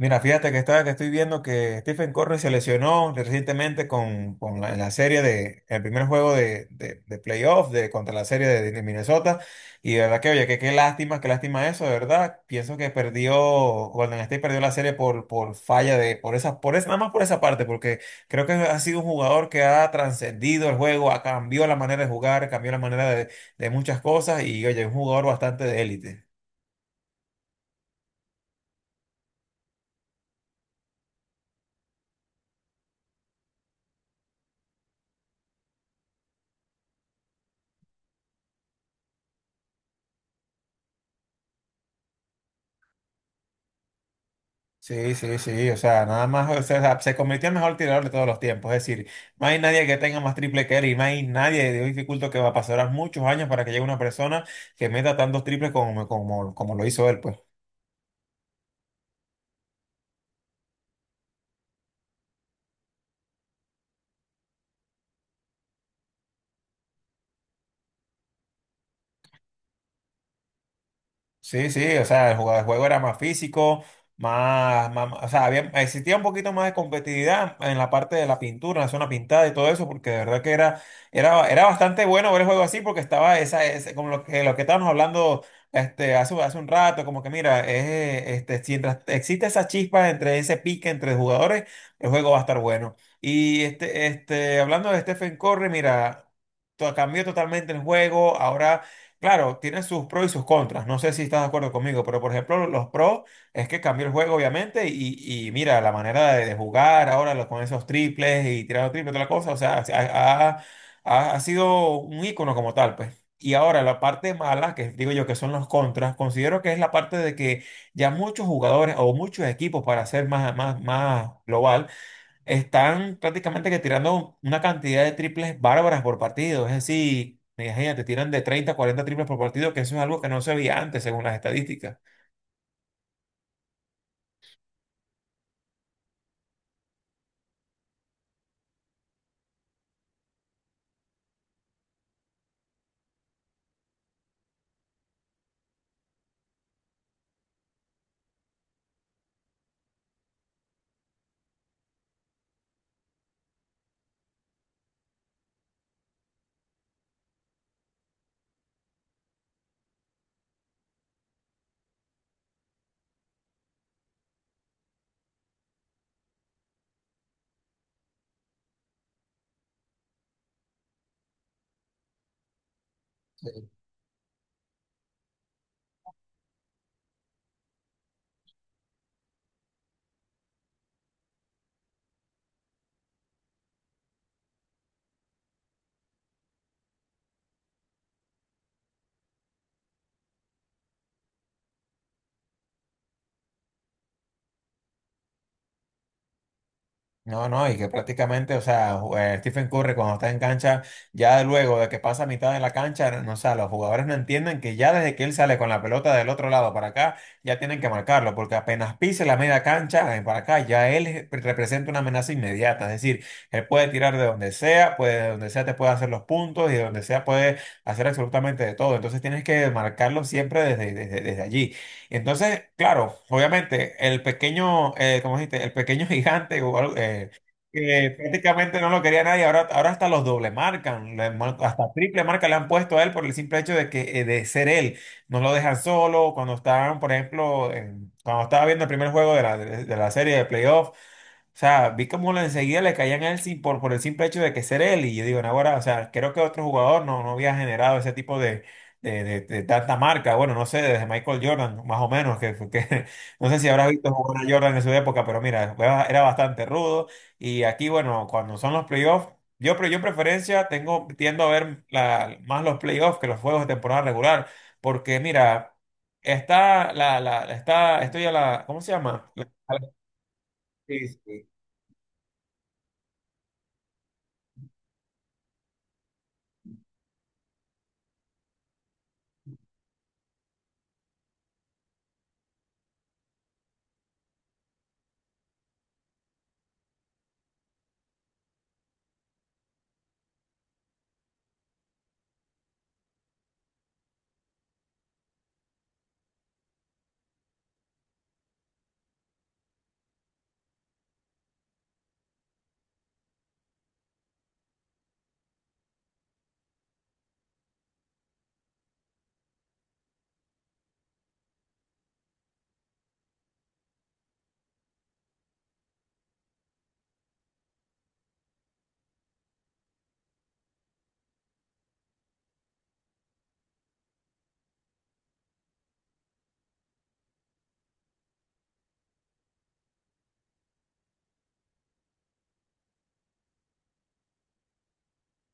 Mira, fíjate que estoy viendo que Stephen Curry se lesionó recientemente con la serie el primer juego de playoff contra la serie de Minnesota. Y de verdad oye, que qué lástima eso, de verdad. Golden State perdió la serie por falla de, por esa, nada más por esa parte, porque creo que ha sido un jugador que ha trascendido el juego, ha cambiado la manera de jugar, cambió la manera de muchas cosas y, oye, un jugador bastante de élite. Sí, sí, sí, o sea, nada más, o sea, se convirtió en mejor tirador de todos los tiempos, es decir, no hay nadie que tenga más triple que él y no hay nadie de dificulto que va a pasar muchos años para que llegue una persona que meta tantos triples como lo hizo él, pues. Sí, sí, o sea, el juego era más físico, o sea, existía un poquito más de competitividad en la parte de la pintura, en la zona pintada y todo eso, porque de verdad que era bastante bueno ver el juego así, porque estaba como lo que estábamos hablando hace un rato, como que mira, si mientras existe esa chispa entre ese pique entre jugadores, el juego va a estar bueno. Y hablando de Stephen Curry, mira, cambió totalmente el juego. Ahora, claro, tiene sus pros y sus contras. No sé si estás de acuerdo conmigo, pero por ejemplo, los pros es que cambió el juego, obviamente, y mira, la manera de jugar ahora con esos triples y tirando triples, toda la cosa, o sea, ha sido un ícono como tal, pues. Y ahora la parte mala, que digo yo que son los contras, considero que es la parte de que ya muchos jugadores o muchos equipos, para ser más global, están prácticamente que tirando una cantidad de triples bárbaras por partido. Es decir, imagínate, te tiran de 30 a 40 triples por partido, que eso es algo que no se veía antes según las estadísticas. No, no, y que prácticamente, o sea, Stephen Curry cuando está en cancha, ya luego de que pasa mitad de la cancha, no, o sea, los jugadores no entienden que ya desde que él sale con la pelota del otro lado para acá, ya tienen que marcarlo, porque apenas pise la media cancha para acá, ya él representa una amenaza inmediata, es decir, él puede tirar de donde sea, puede, de donde sea te puede hacer los puntos y de donde sea puede hacer absolutamente de todo, entonces tienes que marcarlo siempre desde allí. Entonces, claro, obviamente, el pequeño, ¿cómo dijiste? El pequeño gigante, o algo, que prácticamente no lo quería nadie, ahora hasta los doble marcan, hasta triple marca le han puesto a él por el simple hecho de que de ser él. No lo dejan solo, cuando estaban, por ejemplo, en- cuando estaba viendo el primer juego de la serie de playoff, o sea, vi como enseguida le caían a él por el simple hecho de que ser él. Y yo digo, no, ahora, o sea, creo que otro jugador no había generado ese tipo de tanta marca. Bueno, no sé, desde Michael Jordan, más o menos, que no sé si habrás visto jugar a Jordan en su época, pero mira, era bastante rudo. Y aquí, bueno, cuando son los playoffs, yo en preferencia tengo, tiendo a ver más los playoffs que los juegos de temporada regular. Porque mira, está la, la, está, estoy a la, ¿cómo se llama? La.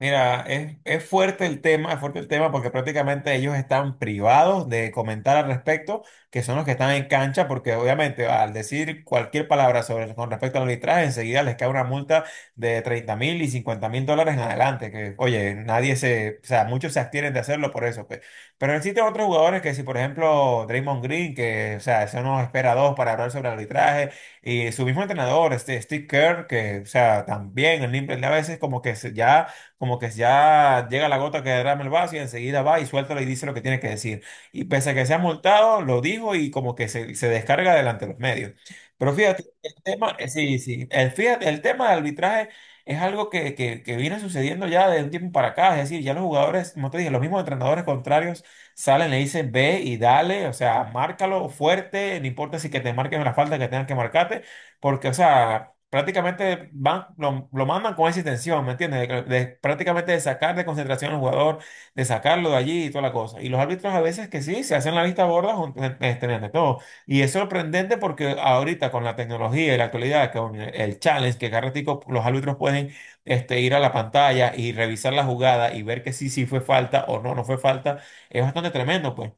Mira, es fuerte el tema, es fuerte el tema porque prácticamente ellos están privados de comentar al respecto, que son los que están en cancha, porque obviamente al decir cualquier palabra sobre con respecto al arbitraje, enseguida les cae una multa de 30.000 y 50.000 dólares en adelante, que oye, nadie se, o sea, muchos se abstienen de hacerlo por eso, pues. Pero existen otros jugadores que si, por ejemplo, Draymond Green, que, o sea, eso nos espera dos para hablar sobre arbitraje. Y su mismo entrenador, este Steve Kerr, que, o sea, también el Nimble a veces como que ya como que ya llega la gota que derrama el vaso y enseguida va y suéltalo y dice lo que tiene que decir. Y pese a que sea multado, lo dijo y como que se descarga delante de los medios. Pero fíjate, el tema, sí, sí, fíjate, el tema del arbitraje es algo que viene sucediendo ya de un tiempo para acá. Es decir, ya los jugadores, como te dije, los mismos entrenadores contrarios salen, le dicen ve y dale, o sea, márcalo fuerte, no importa si que te marquen la falta que tengan que marcarte, porque, o sea prácticamente van, lo mandan con esa intención, ¿me entiendes? De prácticamente de sacar de concentración al jugador, de sacarlo de allí y toda la cosa. Y los árbitros a veces que sí, se hacen la vista gorda ante todo. Y es sorprendente porque ahorita con la tecnología y la actualidad, con el challenge, que cada ratico los árbitros pueden ir a la pantalla y revisar la jugada y ver que sí fue falta o no fue falta, es bastante tremendo, pues.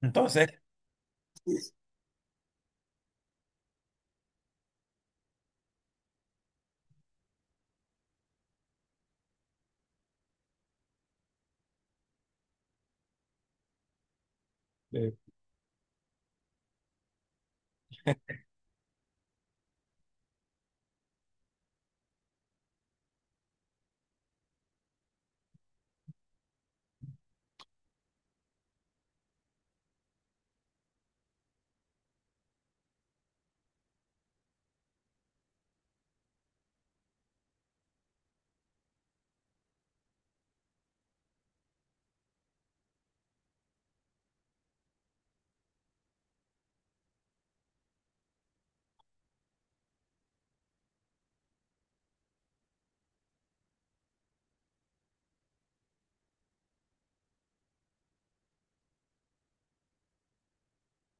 Entonces... eh,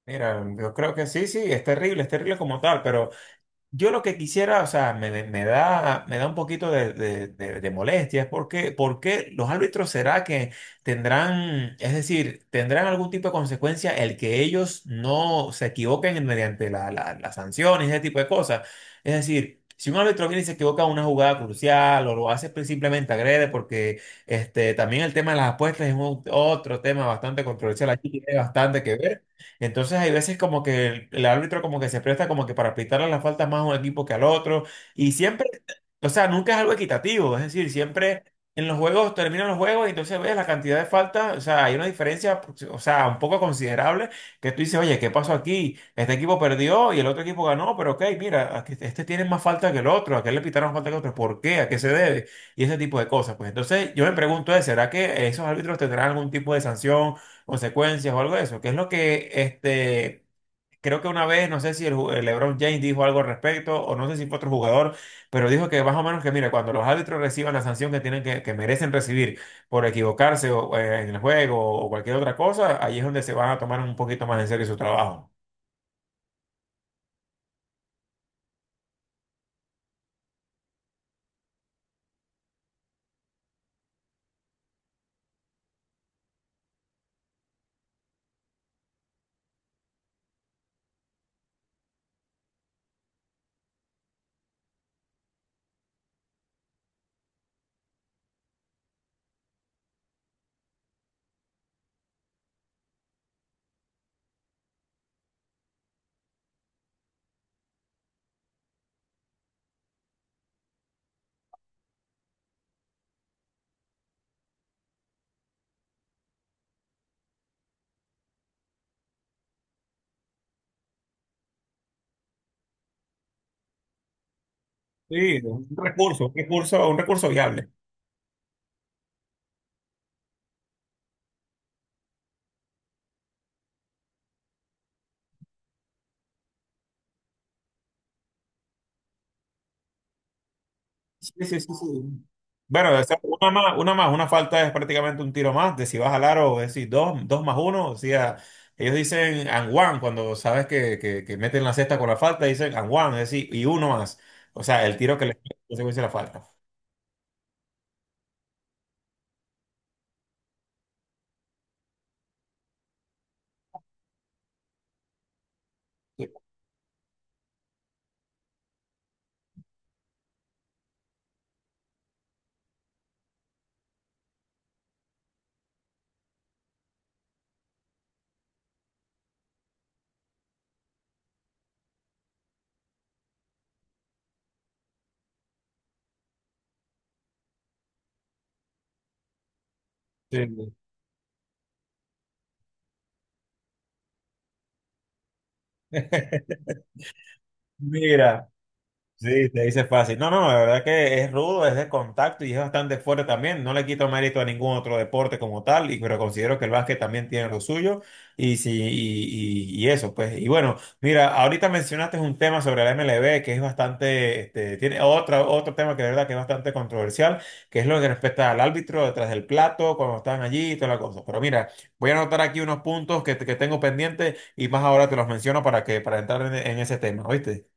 Mira, yo creo que sí, sí, es terrible como tal, pero yo lo que quisiera, o sea, me da un poquito de molestia, es porque los árbitros será que tendrán, es decir, tendrán algún tipo de consecuencia el que ellos no se equivoquen mediante las sanciones, ese tipo de cosas. Es decir, si un árbitro viene y se equivoca en una jugada crucial o lo hace simplemente agrede, porque este, también el tema de las apuestas es otro tema bastante controversial aquí, tiene bastante que ver. Entonces hay veces como que el árbitro como que se presta como que para aplicarle las faltas más a un equipo que al otro. Y siempre, o sea, nunca es algo equitativo. Es decir, siempre en los juegos terminan los juegos y entonces ves la cantidad de faltas. O sea, hay una diferencia, o sea, un poco considerable que tú dices, oye, ¿qué pasó aquí? Este equipo perdió y el otro equipo ganó, pero ok, mira, este tiene más falta que el otro, aquel le pitaron más falta que el otro. ¿Por qué? ¿A qué se debe? Y ese tipo de cosas. Pues entonces yo me pregunto, ¿eh? ¿Será que esos árbitros tendrán algún tipo de sanción, consecuencias o algo de eso? Que es lo que este, creo que una vez, no sé si el LeBron James dijo algo al respecto o no sé si fue otro jugador, pero dijo que más o menos que, mira, cuando los árbitros reciban la sanción que tienen que merecen recibir por equivocarse o, en el juego o cualquier otra cosa, ahí es donde se van a tomar un poquito más en serio su trabajo. Sí, un recurso, un recurso, un recurso viable. Sí, sí, sí, sí. Bueno, o sea, una falta es prácticamente un tiro más, de si vas al aro, es decir, dos, dos más uno, o sea, ellos dicen and one, cuando sabes que meten la cesta con la falta, dicen and one, es decir, y uno más, o sea, el tiro que le consecuencia de la falta. Sí. Mira. Sí, te dice fácil. No, no, la verdad que es rudo, es de contacto y es bastante fuerte también. No le quito mérito a ningún otro deporte como tal, pero considero que el básquet también tiene lo suyo y, sí, y eso, pues. Y bueno, mira, ahorita mencionaste un tema sobre la MLB que es bastante, este, tiene otra, otro tema que de verdad que es bastante controversial, que es lo que respecta al árbitro detrás del plato, cuando están allí y toda la cosa. Pero mira, voy a anotar aquí unos puntos que tengo pendientes y más ahora te los menciono para para entrar en ese tema, ¿oíste?